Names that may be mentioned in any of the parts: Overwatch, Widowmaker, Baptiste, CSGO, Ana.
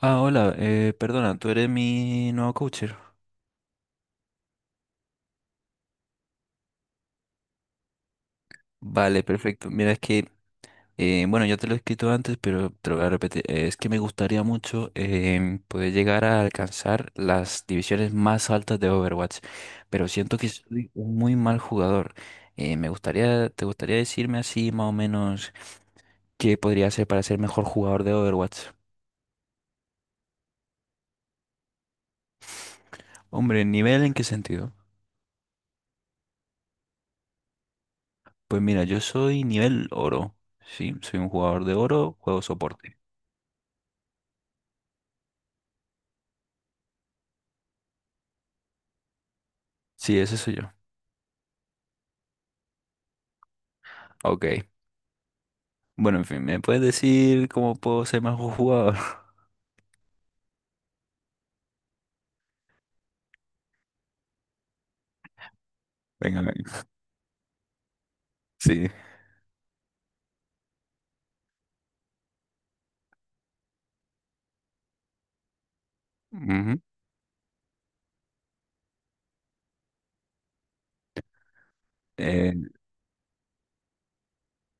Ah, hola, perdona, tú eres mi nuevo coacher. Vale, perfecto. Mira, es que, bueno, ya te lo he escrito antes, pero te lo voy a repetir. Es que me gustaría mucho poder llegar a alcanzar las divisiones más altas de Overwatch, pero siento que soy un muy mal jugador. Me gustaría, ¿te gustaría decirme así más o menos qué podría hacer para ser mejor jugador de Overwatch? Hombre, ¿nivel en qué sentido? Pues mira, yo soy nivel oro, ¿sí? Soy un jugador de oro, juego soporte. Sí, ese soy yo. Ok. Bueno, en fin, ¿me puedes decir cómo puedo ser mejor jugador? Venga, venga. Sí. Ujú. Eh,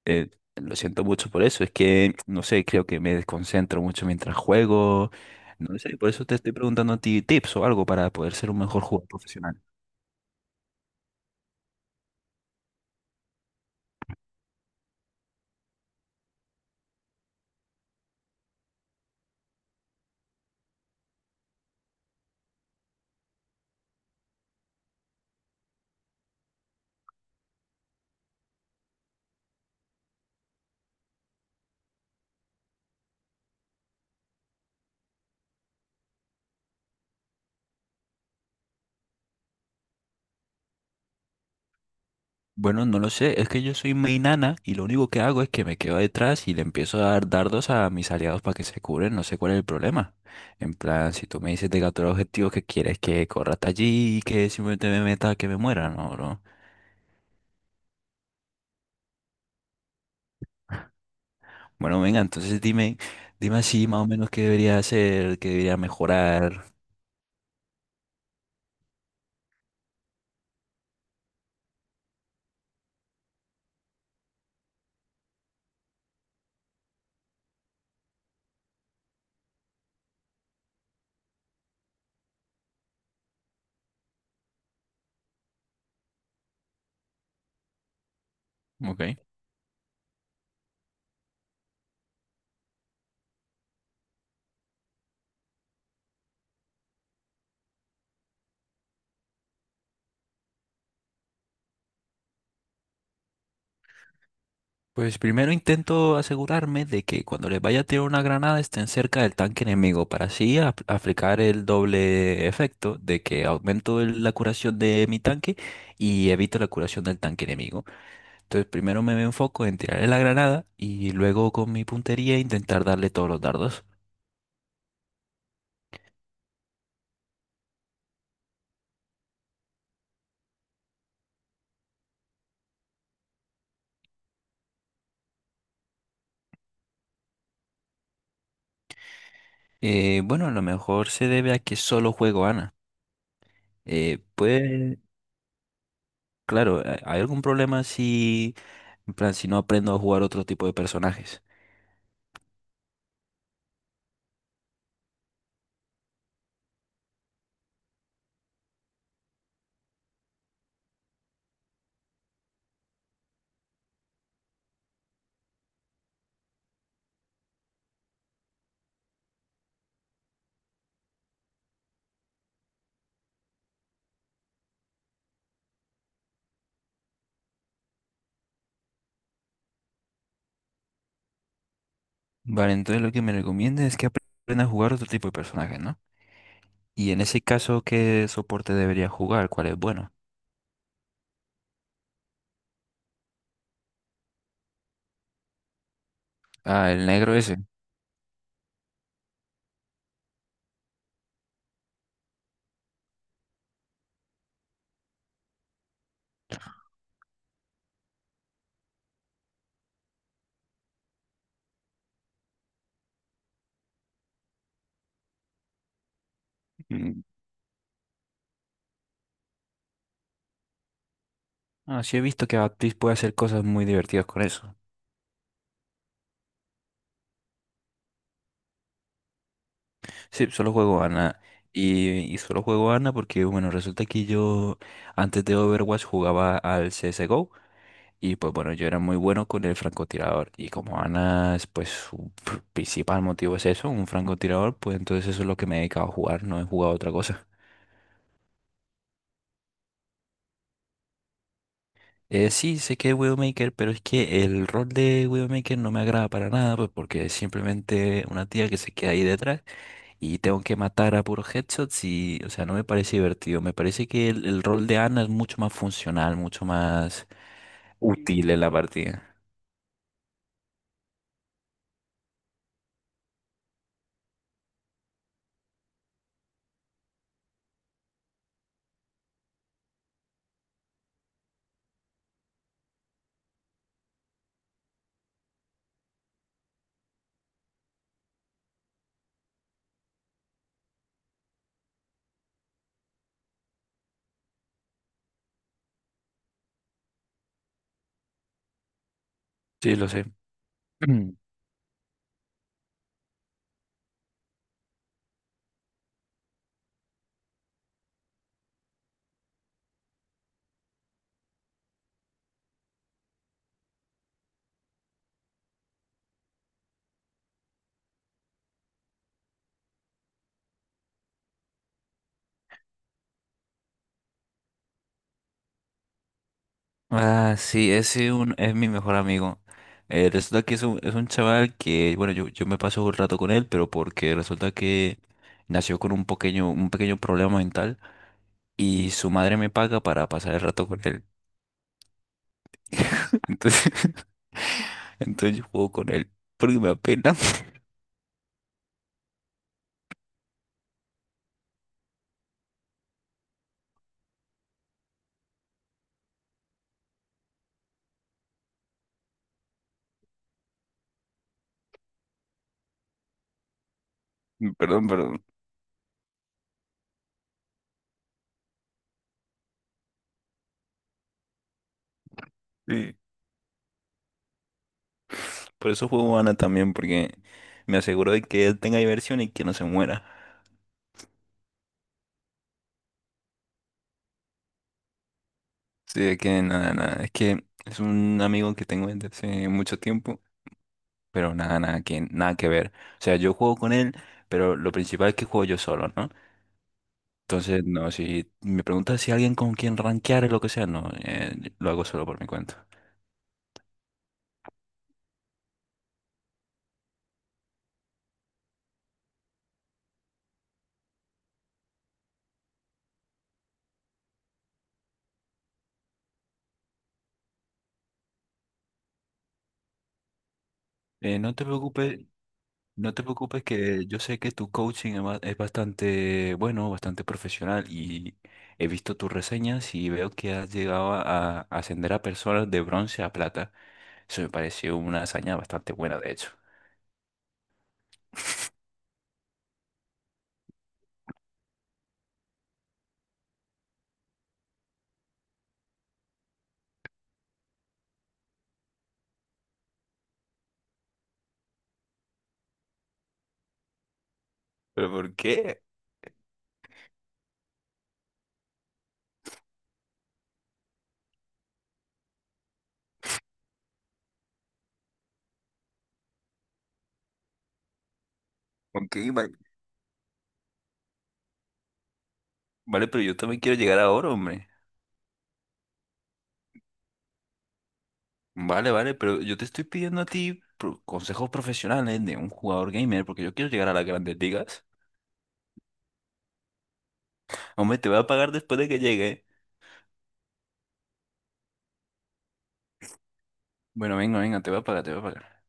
eh, lo siento mucho por eso. Es que, no sé, creo que me desconcentro mucho mientras juego. No sé, por eso te estoy preguntando a ti tips o algo para poder ser un mejor jugador profesional. Bueno, no lo sé, es que yo soy muy nana y lo único que hago es que me quedo detrás y le empiezo a dar dardos a mis aliados para que se cubren, no sé cuál es el problema. En plan, si tú me dices de capturar objetivo que quieres que corra hasta allí y que simplemente me meta, que me muera, no, no. Bueno, venga, entonces dime, dime así más o menos qué debería hacer, qué debería mejorar. Ok. Pues primero intento asegurarme de que cuando les vaya a tirar una granada estén cerca del tanque enemigo para así aplicar el doble efecto de que aumento la curación de mi tanque y evito la curación del tanque enemigo. Entonces primero me enfoco en tirarle la granada y luego con mi puntería intentar darle todos los dardos. Bueno, a lo mejor se debe a que solo juego Ana. Pues claro, ¿hay algún problema si, en plan, si no aprendo a jugar otro tipo de personajes? Vale, entonces lo que me recomienda es que aprenda a jugar otro tipo de personaje, ¿no? Y en ese caso, ¿qué soporte debería jugar? ¿Cuál es bueno? Ah, el negro ese. Mm. Ah, sí he visto que Baptiste puede hacer cosas muy divertidas con eso. Sí, solo juego Ana. Y solo juego Ana porque, bueno, resulta que yo antes de Overwatch jugaba al CSGO. Y pues bueno, yo era muy bueno con el francotirador. Y como Ana es pues su principal motivo es eso, un francotirador, pues entonces eso es lo que me he dedicado a jugar, no he jugado otra cosa. Sí, sé que es Widowmaker, pero es que el rol de Widowmaker no me agrada para nada, pues porque es simplemente una tía que se queda ahí detrás y tengo que matar a puros headshots y, o sea, no me parece divertido. Me parece que el rol de Ana es mucho más funcional, mucho más útil en la partida. Sí, lo sé. Ah, sí, es mi mejor amigo. Resulta que es un chaval que, bueno, yo me paso un rato con él, pero porque resulta que nació con un pequeño problema mental. Y su madre me paga para pasar el rato con él. Entonces, entonces yo juego con él porque me apena. Perdón, perdón. Sí. Por eso juego Ana también, porque me aseguro de que él tenga diversión y que no se muera. Sí, es que nada, nada. Es que es un amigo que tengo desde hace mucho tiempo, pero nada, nada que ver. O sea, yo juego con él, pero lo principal es que juego yo solo, ¿no? Entonces, no, si me preguntas si alguien con quien rankear o lo que sea, no, lo hago solo por mi cuenta. No te preocupes, no te preocupes que yo sé que tu coaching es bastante bueno, bastante profesional y he visto tus reseñas y veo que has llegado a ascender a personas de bronce a plata. Eso me pareció una hazaña bastante buena, de hecho. ¿Pero por qué? ¿Por qué? Vale, pero yo también quiero llegar a oro, hombre. Vale, vale, pero yo te estoy pidiendo a ti consejos profesionales de un jugador gamer porque yo quiero llegar a las grandes ligas. Hombre, te voy a pagar después de que llegue. Bueno, venga, venga, te voy a pagar, te voy a pagar.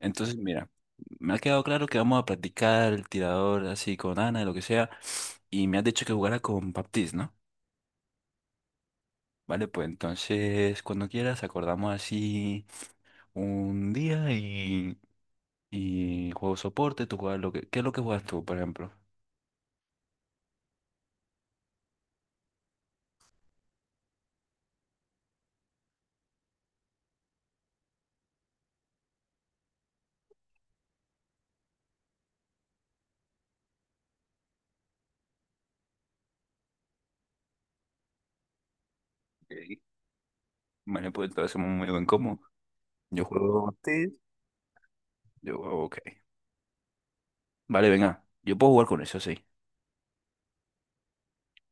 Entonces, mira, me ha quedado claro que vamos a practicar el tirador así con Ana, lo que sea, y me has dicho que jugara con Baptiste, ¿no? Vale, pues entonces cuando quieras acordamos así un día y juego soporte, tú juegas lo que... ¿Qué es lo que juegas tú, por ejemplo? Ok. Vale, pues entonces somos muy buen combo. Yo juego Baptiste. Yo juego, ok. Vale, venga, yo puedo jugar con eso, sí.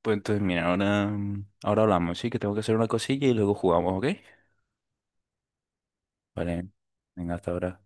Pues entonces, mira, ahora hablamos, sí, que tengo que hacer una cosilla y luego jugamos, ¿ok? Vale, venga, hasta ahora.